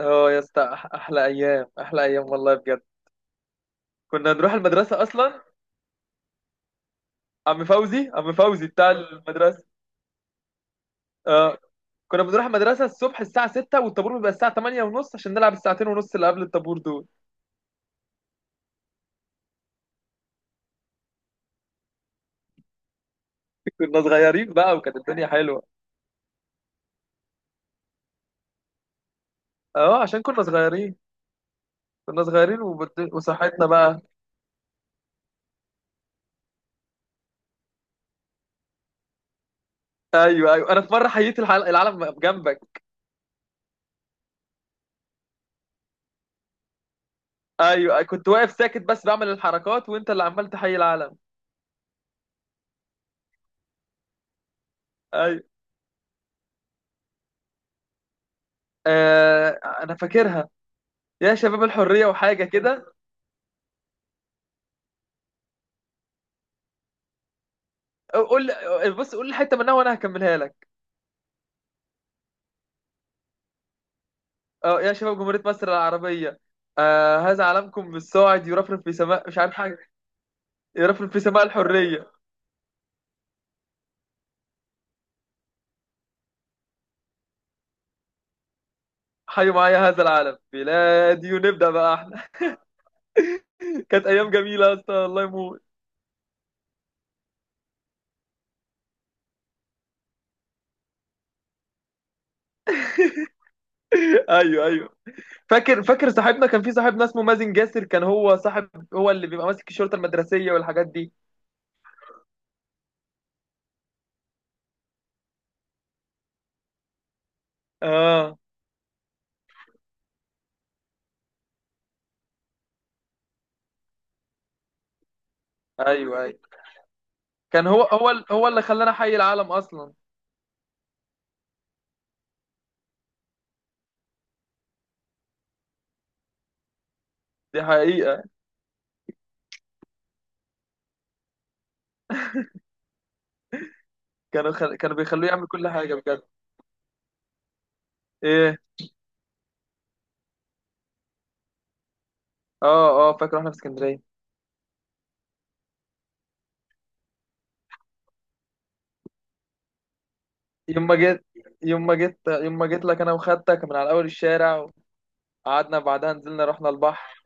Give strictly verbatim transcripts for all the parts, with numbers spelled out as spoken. اه يا اسطى، أح- احلى ايام احلى ايام والله بجد. كنا نروح المدرسه اصلا. عم فوزي، عم فوزي بتاع المدرسه. اه. كنا بنروح المدرسه الصبح الساعه ستة، والطابور بيبقى الساعه ثمانية ونص، عشان نلعب الساعتين ونص اللي قبل الطابور دول. كنا صغيرين بقى، وكانت الدنيا حلوه. اه، عشان كنا صغيرين. كنا صغيرين، وبد... وصحتنا بقى. ايوه ايوه، انا في مره حييت الحل... العالم جنبك. ايوه أيوه. كنت واقف ساكت بس بعمل الحركات، وانت اللي عمال تحيي العالم. ايوه. آه... انا فاكرها. يا شباب الحريه وحاجه كده. قول، بص قول الحته منها وانا هكملها لك. اه، يا شباب جمهوريه مصر العربيه. آه، هذا علمكم بالصاعد يرفرف في سماء مش عارف حاجه. يرفرف في سماء الحريه. حيوا معايا هذا العلم بلادي، ونبدا بقى احنا. كانت ايام جميله يا اسطى، الله يموت. ايوه ايوه، فاكر فاكر. صاحبنا كان، في صاحبنا اسمه مازن جاسر، كان هو صاحب، هو اللي بيبقى ماسك الشرطه المدرسيه والحاجات دي. اه. ايوه ايوه، كان هو هو ال- هو اللي خلانا حي العالم اصلا. دي حقيقه. كانوا خل... كانوا بيخلوه يعمل كل حاجه بجد. ايه. اه اه، فاكر واحنا في اسكندريه. يوم ما جيت يوم ما جيت يوم ما جيت لك، انا وخدتك من على اول الشارع، وقعدنا بعدها، نزلنا رحنا البحر.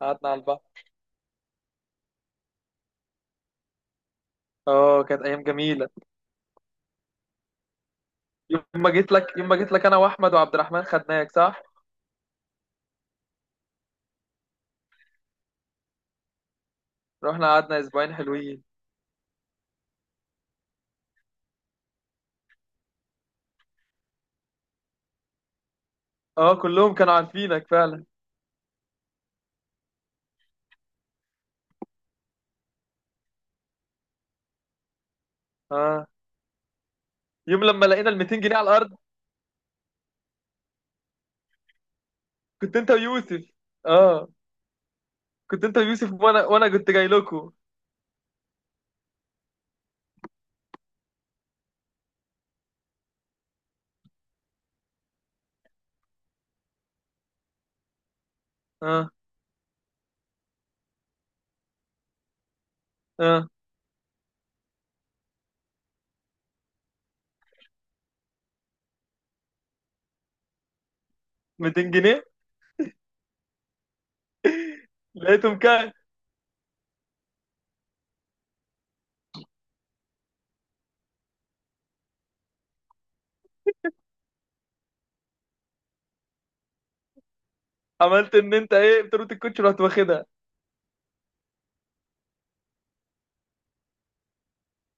قعدنا على البحر. اه، كانت ايام جميله. يوم ما جيت لك يوم ما جيت لك انا واحمد وعبد الرحمن، خدناك صح. رحنا قعدنا اسبوعين حلوين. اه، كلهم كانوا عارفينك فعلا. اه. يوم لما لقينا ال مئتين جنيه على الارض. كنت انت ويوسف. اه. كنت انت ويوسف، وانا وانا كنت جاي لكم. اه اه، مئتين جنيه. لقيتهم كام. عملت ان انت ايه، بتروت الكوتش، رحت واخدها.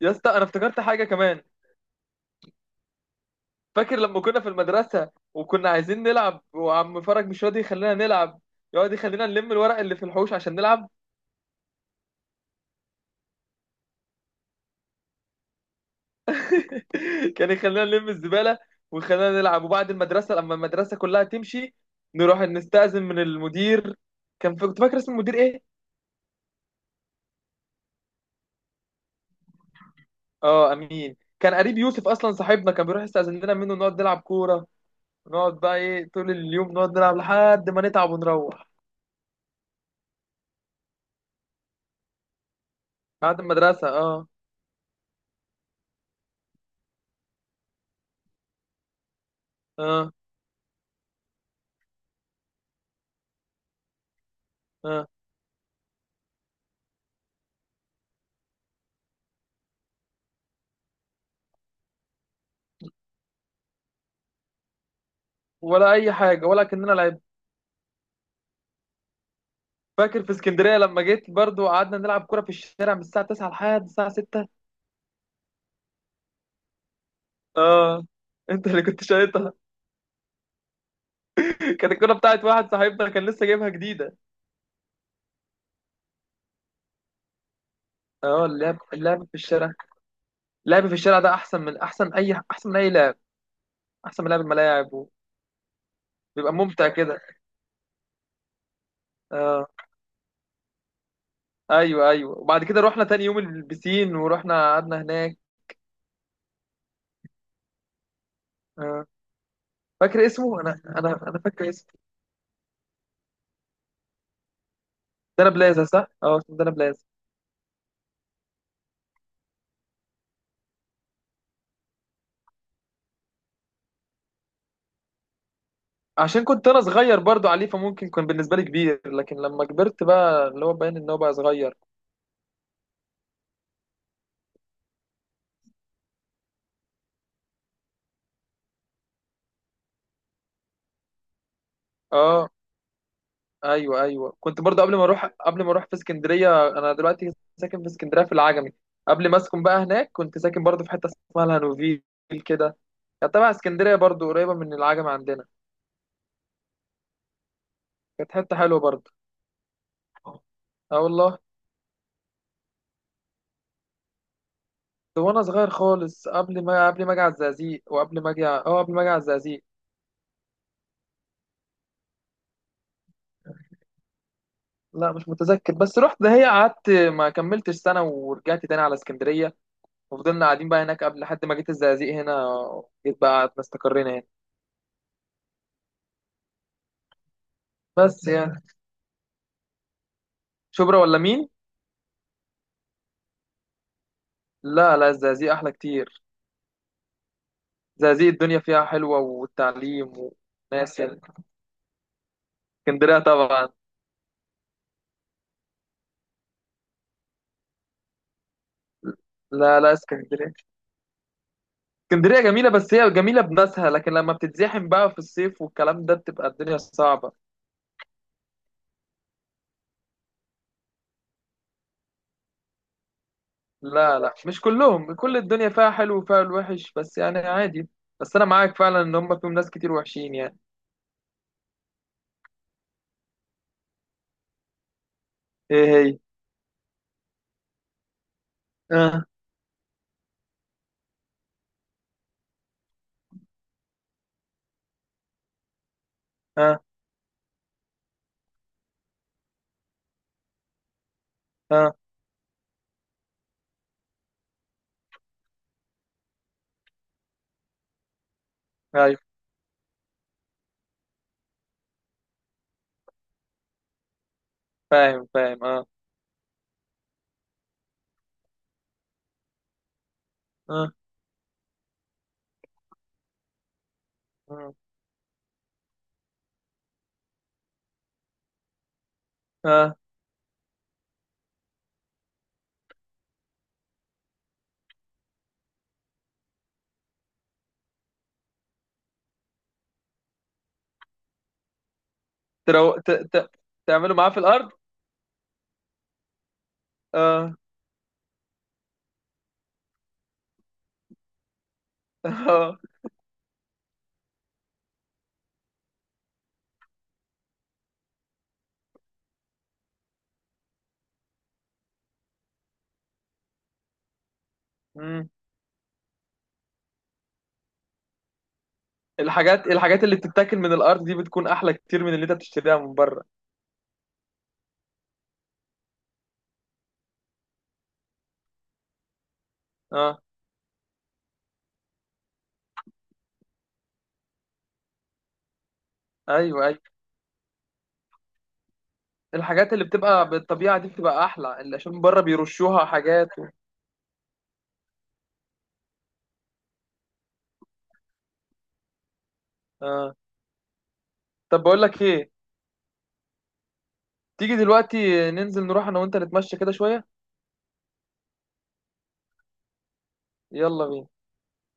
يا اسطى، انا افتكرت حاجه كمان. فاكر لما كنا في المدرسه، وكنا عايزين نلعب، وعم فرج مش راضي يخلينا نلعب. يقعد يخلينا نلم الورق اللي في الحوش عشان نلعب. كان يخلينا نلم الزباله، ويخلينا نلعب. وبعد المدرسه، لما المدرسه كلها تمشي، نروح نستأذن من المدير. كان في... كنت فاكر اسم المدير ايه. اه، امين. كان قريب يوسف اصلا صاحبنا، كان بيروح يستأذن لنا منه نقعد نلعب كوره. نقعد بقى ايه طول اليوم نقعد نلعب لحد ما نتعب ونروح. بعد المدرسه، اه. اه. اه، ولا اي حاجه، ولا كاننا لعب. فاكر في اسكندريه لما جيت برضو، قعدنا نلعب كوره في الشارع من الساعه تسعة لحد الساعه ستة. اه، انت اللي كنت شايطها. كانت الكوره بتاعت واحد صاحبنا، كان لسه جايبها جديده. اه، اللعب، اللعب في الشارع، اللعب في الشارع ده احسن من، احسن اي، احسن من اي لعب. احسن من لعب الملاعب. وبيبقى ممتع كده. اه، ايوه ايوه. وبعد كده رحنا تاني يوم البسين، ورحنا قعدنا هناك. اه، فاكر اسمه، انا انا انا فاكر اسمه. دانا بلازا، صح. اه، اسمه دانا بلازا. عشان كنت انا صغير برضو عليه، فممكن كان بالنسبه لي كبير، لكن لما كبرت بقى اللي هو باين ان هو بقى صغير. اه. ايوه ايوه، كنت برضو قبل ما اروح، قبل ما اروح في اسكندريه. انا دلوقتي ساكن في اسكندريه في العجمي. قبل ما اسكن بقى هناك، كنت ساكن برضو في حته اسمها الهانوفيل كده. كانت تبع اسكندريه برضو، قريبه من العجمي عندنا. كانت حته حلوه برضو. اه والله. ده وانا صغير خالص، قبل ما قبل ما اجي على الزقازيق، وقبل ما اجي ع- اه قبل ما اجي على الزقازيق. لا مش متذكر، بس رحت دهية، قعدت ما كملتش سنة، ورجعت تاني على اسكندرية. وفضلنا قاعدين بقى هناك، قبل لحد ما جيت الزقازيق هنا. جيت بقى قعدنا استقرينا هنا. بس يعني، شبرا ولا مين؟ لا لا، الزقازيق أحلى كتير. الزقازيق الدنيا فيها حلوة، والتعليم، وناس، يعني. اسكندرية طبعا. لا لا، اسكندرية، اسكندرية جميلة، بس هي جميلة بناسها، لكن لما بتتزاحم بقى في الصيف والكلام ده، بتبقى الدنيا صعبة. لا لا، مش كلهم، كل الدنيا فيها حلو وفيها الوحش، بس يعني عادي. بس انا معاك فعلا، ان هم فيهم ناس كتير وحشين يعني. ايه. هي. اه. اه. اه. ايوه. فاهم فاهم، اه. اه. اه، آه. ترو... ت... ت... تعملوا معاه في الارض. اه. اه. مم. الحاجات الحاجات اللي بتتاكل من الارض دي، بتكون احلى كتير من اللي انت بتشتريها من بره. اه. ايوه ايوه. الحاجات اللي بتبقى بالطبيعه دي بتبقى احلى، اللي عشان بره بيرشوها حاجات و... اه. طب بقول لك ايه. تيجي دلوقتي ننزل نروح انا وانت، نتمشى كده شوية. يلا بينا.